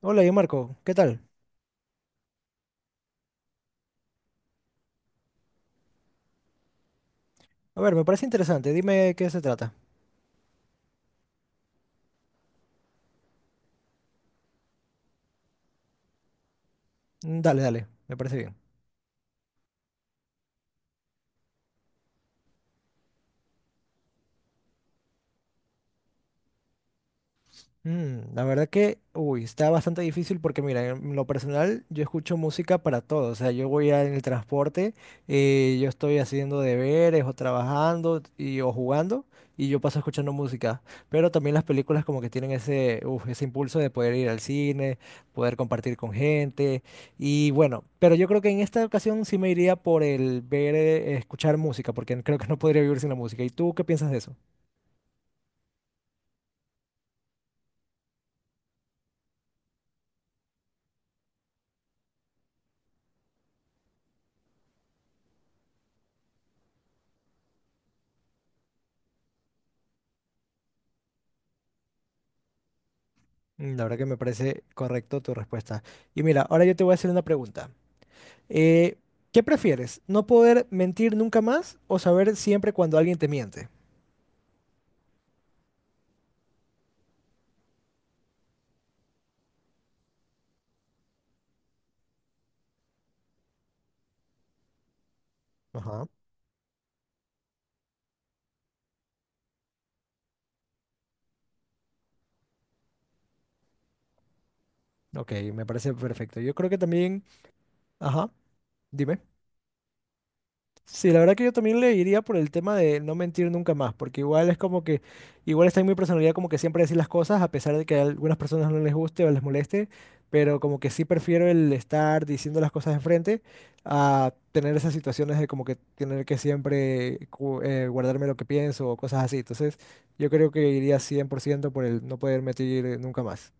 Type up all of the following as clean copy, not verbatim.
Hola, yo Marco, ¿qué tal? A ver, me parece interesante, dime qué se trata. Dale, dale, me parece bien. La verdad que, uy, está bastante difícil porque mira, en lo personal yo escucho música para todo, o sea, en el transporte, yo estoy haciendo deberes o trabajando y, o jugando y yo paso escuchando música, pero también las películas como que tienen ese impulso de poder ir al cine, poder compartir con gente y bueno, pero yo creo que en esta ocasión sí me iría por el escuchar música porque creo que no podría vivir sin la música. ¿Y tú qué piensas de eso? La verdad que me parece correcto tu respuesta. Y mira, ahora yo te voy a hacer una pregunta. Eh, ¿Qué prefieres? ¿No poder mentir nunca más o saber siempre cuando alguien te miente? Ajá. Ok, me parece perfecto. Yo creo que también... Ajá, dime. Sí, la verdad que yo también le iría por el tema de no mentir nunca más, porque igual es como que, igual está en mi personalidad como que siempre decir las cosas, a pesar de que a algunas personas no les guste o les moleste, pero como que sí prefiero el estar diciendo las cosas de frente a tener esas situaciones de como que tener que guardarme lo que pienso o cosas así. Entonces, yo creo que iría 100% por ciento por el no poder mentir nunca más.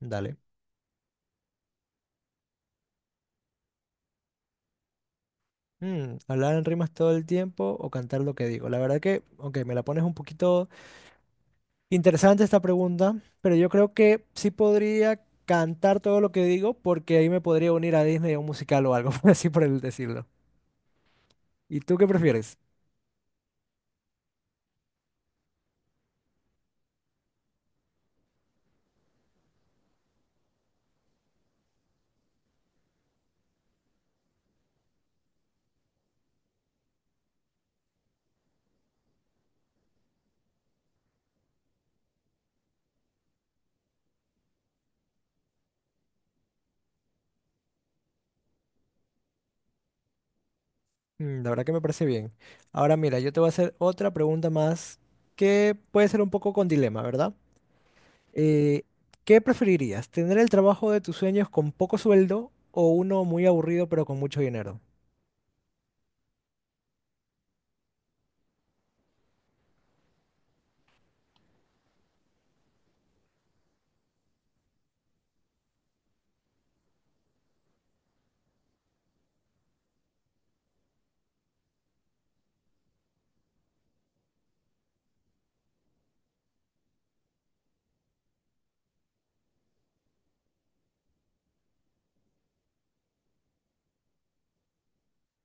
Dale. Hablar en rimas todo el tiempo o cantar lo que digo. La verdad que, aunque me la pones un poquito... Interesante esta pregunta, pero yo creo que sí podría cantar todo lo que digo porque ahí me podría unir a Disney a un musical o algo, así por el decirlo. ¿Y tú qué prefieres? La verdad que me parece bien. Ahora mira, yo te voy a hacer otra pregunta más que puede ser un poco con dilema, ¿verdad? Eh, ¿Qué preferirías? ¿Tener el trabajo de tus sueños con poco sueldo o uno muy aburrido pero con mucho dinero?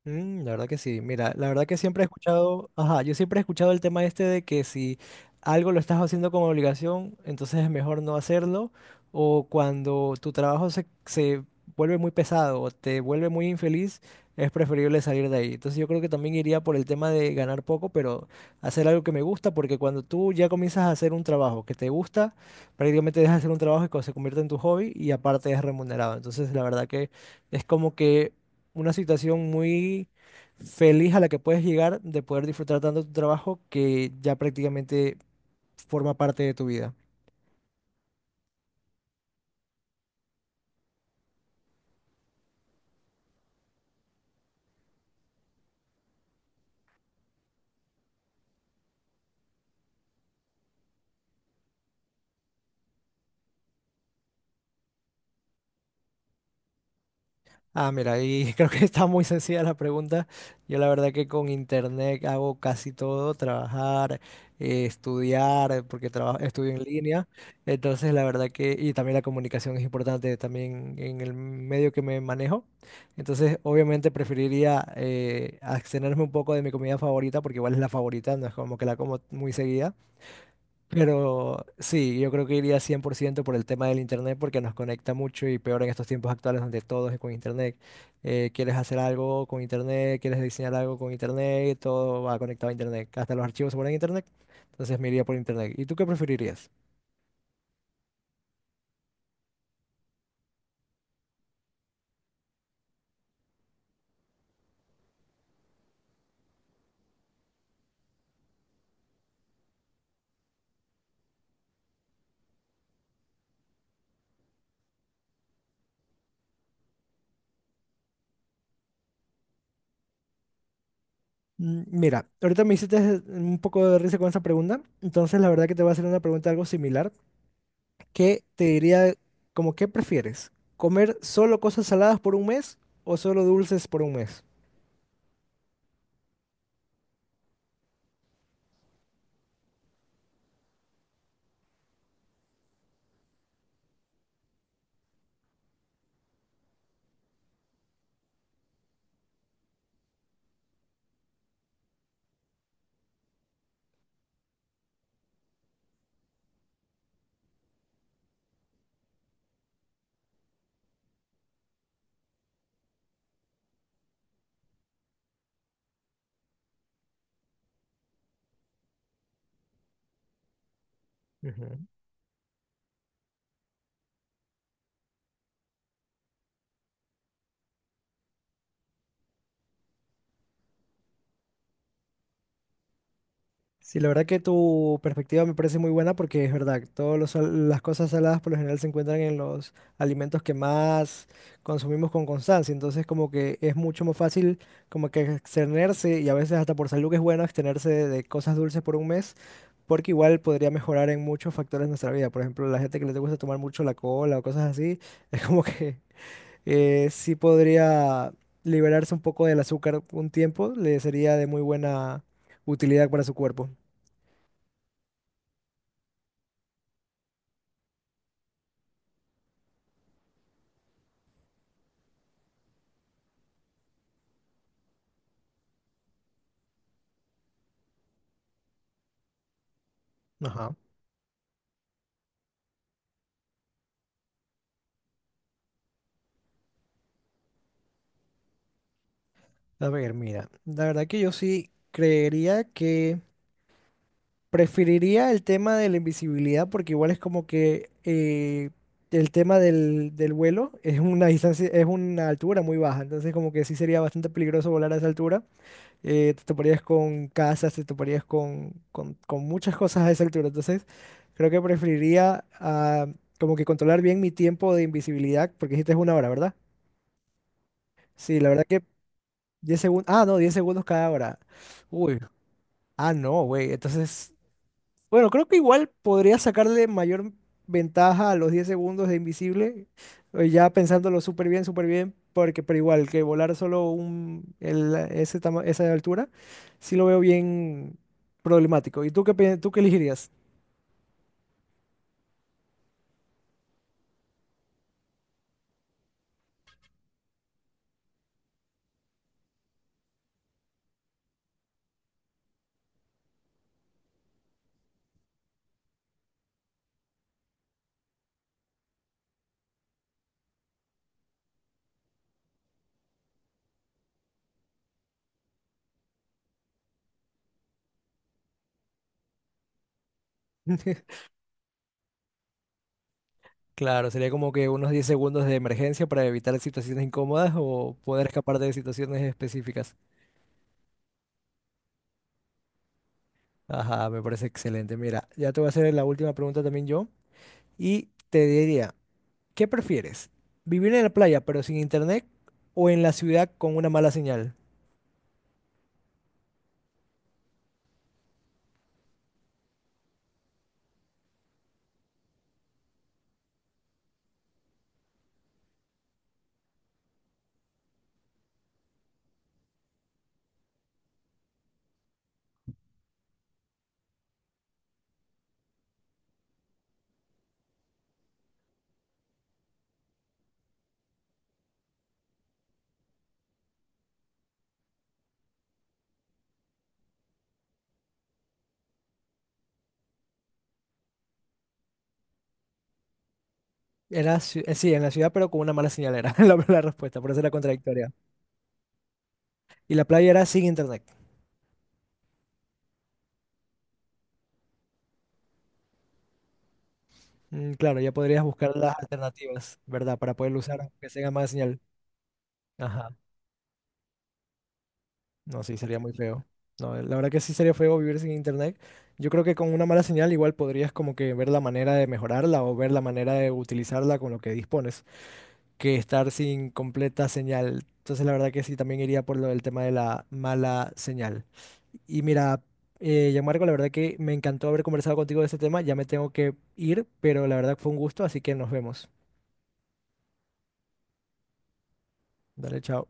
La verdad que sí. Mira, la verdad que siempre he escuchado, ajá, yo siempre he escuchado el tema este de que si algo lo estás haciendo como obligación, entonces es mejor no hacerlo, o cuando tu trabajo se vuelve muy pesado o te vuelve muy infeliz, es preferible salir de ahí. Entonces yo creo que también iría por el tema de ganar poco, pero hacer algo que me gusta, porque cuando tú ya comienzas a hacer un trabajo que te gusta, prácticamente dejas de hacer un trabajo que se convierte en tu hobby y aparte es remunerado. Entonces la verdad que es como que una situación muy feliz a la que puedes llegar de poder disfrutar tanto tu trabajo que ya prácticamente forma parte de tu vida. Ah, mira, y creo que está muy sencilla la pregunta. Yo la verdad que con internet hago casi todo, trabajar, estudiar, porque trabajo, estudio en línea. Entonces, la verdad que, y también la comunicación es importante también en el medio que me manejo. Entonces, obviamente preferiría abstenerme un poco de mi comida favorita, porque igual es la favorita, no es como que la como muy seguida, pero sí, yo creo que iría 100% por el tema del internet porque nos conecta mucho y peor en estos tiempos actuales donde todo es con internet. Quieres hacer algo con internet, quieres diseñar algo con internet, todo va conectado a internet. Hasta los archivos se ponen en internet. Entonces me iría por internet. ¿Y tú qué preferirías? Mira, ahorita me hiciste un poco de risa con esa pregunta. Entonces la verdad que te voy a hacer una pregunta algo similar que te diría como, ¿qué prefieres? ¿Comer solo cosas saladas por un mes o solo dulces por un mes? Ujú. Sí, la verdad que tu perspectiva me parece muy buena porque es verdad, todas las cosas saladas por lo general se encuentran en los alimentos que más consumimos con constancia, entonces como que es mucho más fácil como que abstenerse y a veces hasta por salud que es bueno abstenerse de cosas dulces por un mes porque igual podría mejorar en muchos factores de nuestra vida, por ejemplo, la gente que le gusta tomar mucho la cola o cosas así, es como que sí podría liberarse un poco del azúcar un tiempo, le sería de muy buena utilidad para su cuerpo. Ajá. A ver, mira, la verdad que yo sí creería que preferiría el tema de la invisibilidad porque igual es como que el tema del vuelo es una distancia, es una altura muy baja, entonces como que sí sería bastante peligroso volar a esa altura. Te toparías con casas, te toparías con muchas cosas a esa altura, entonces creo que preferiría como que controlar bien mi tiempo de invisibilidad porque dijiste es una hora, ¿verdad? Sí, la verdad que 10 segundos. Ah, no, 10 segundos cada hora. Uy. Ah, no, güey. Entonces, bueno, creo que igual podría sacarle mayor ventaja a los 10 segundos de invisible. Ya pensándolo súper bien, súper bien. Porque, pero igual, que volar solo un, el- ese tama- esa altura, sí lo veo bien problemático. ¿Tú qué elegirías? Claro, sería como que unos 10 segundos de emergencia para evitar situaciones incómodas o poder escapar de situaciones específicas. Ajá, me parece excelente. Mira, ya te voy a hacer la última pregunta también yo. Y te diría, ¿qué prefieres? ¿Vivir en la playa pero sin internet o en la ciudad con una mala señal? Era, sí, en la ciudad pero con una mala señal era la respuesta, por eso era contradictoria. Y la playa era sin internet. Mm, claro, ya podrías buscar las alternativas, ¿verdad? Para poder usar aunque tenga mala señal. Ajá. No, sí, sería muy feo. No, la verdad que sí sería feo vivir sin internet. Yo creo que con una mala señal igual podrías como que ver la manera de mejorarla o ver la manera de utilizarla con lo que dispones, que estar sin completa señal. Entonces la verdad que sí, también iría por lo del tema de la mala señal. Y mira, Gianmarco, la verdad que me encantó haber conversado contigo de este tema. Ya me tengo que ir, pero la verdad fue un gusto, así que nos vemos. Dale, chao.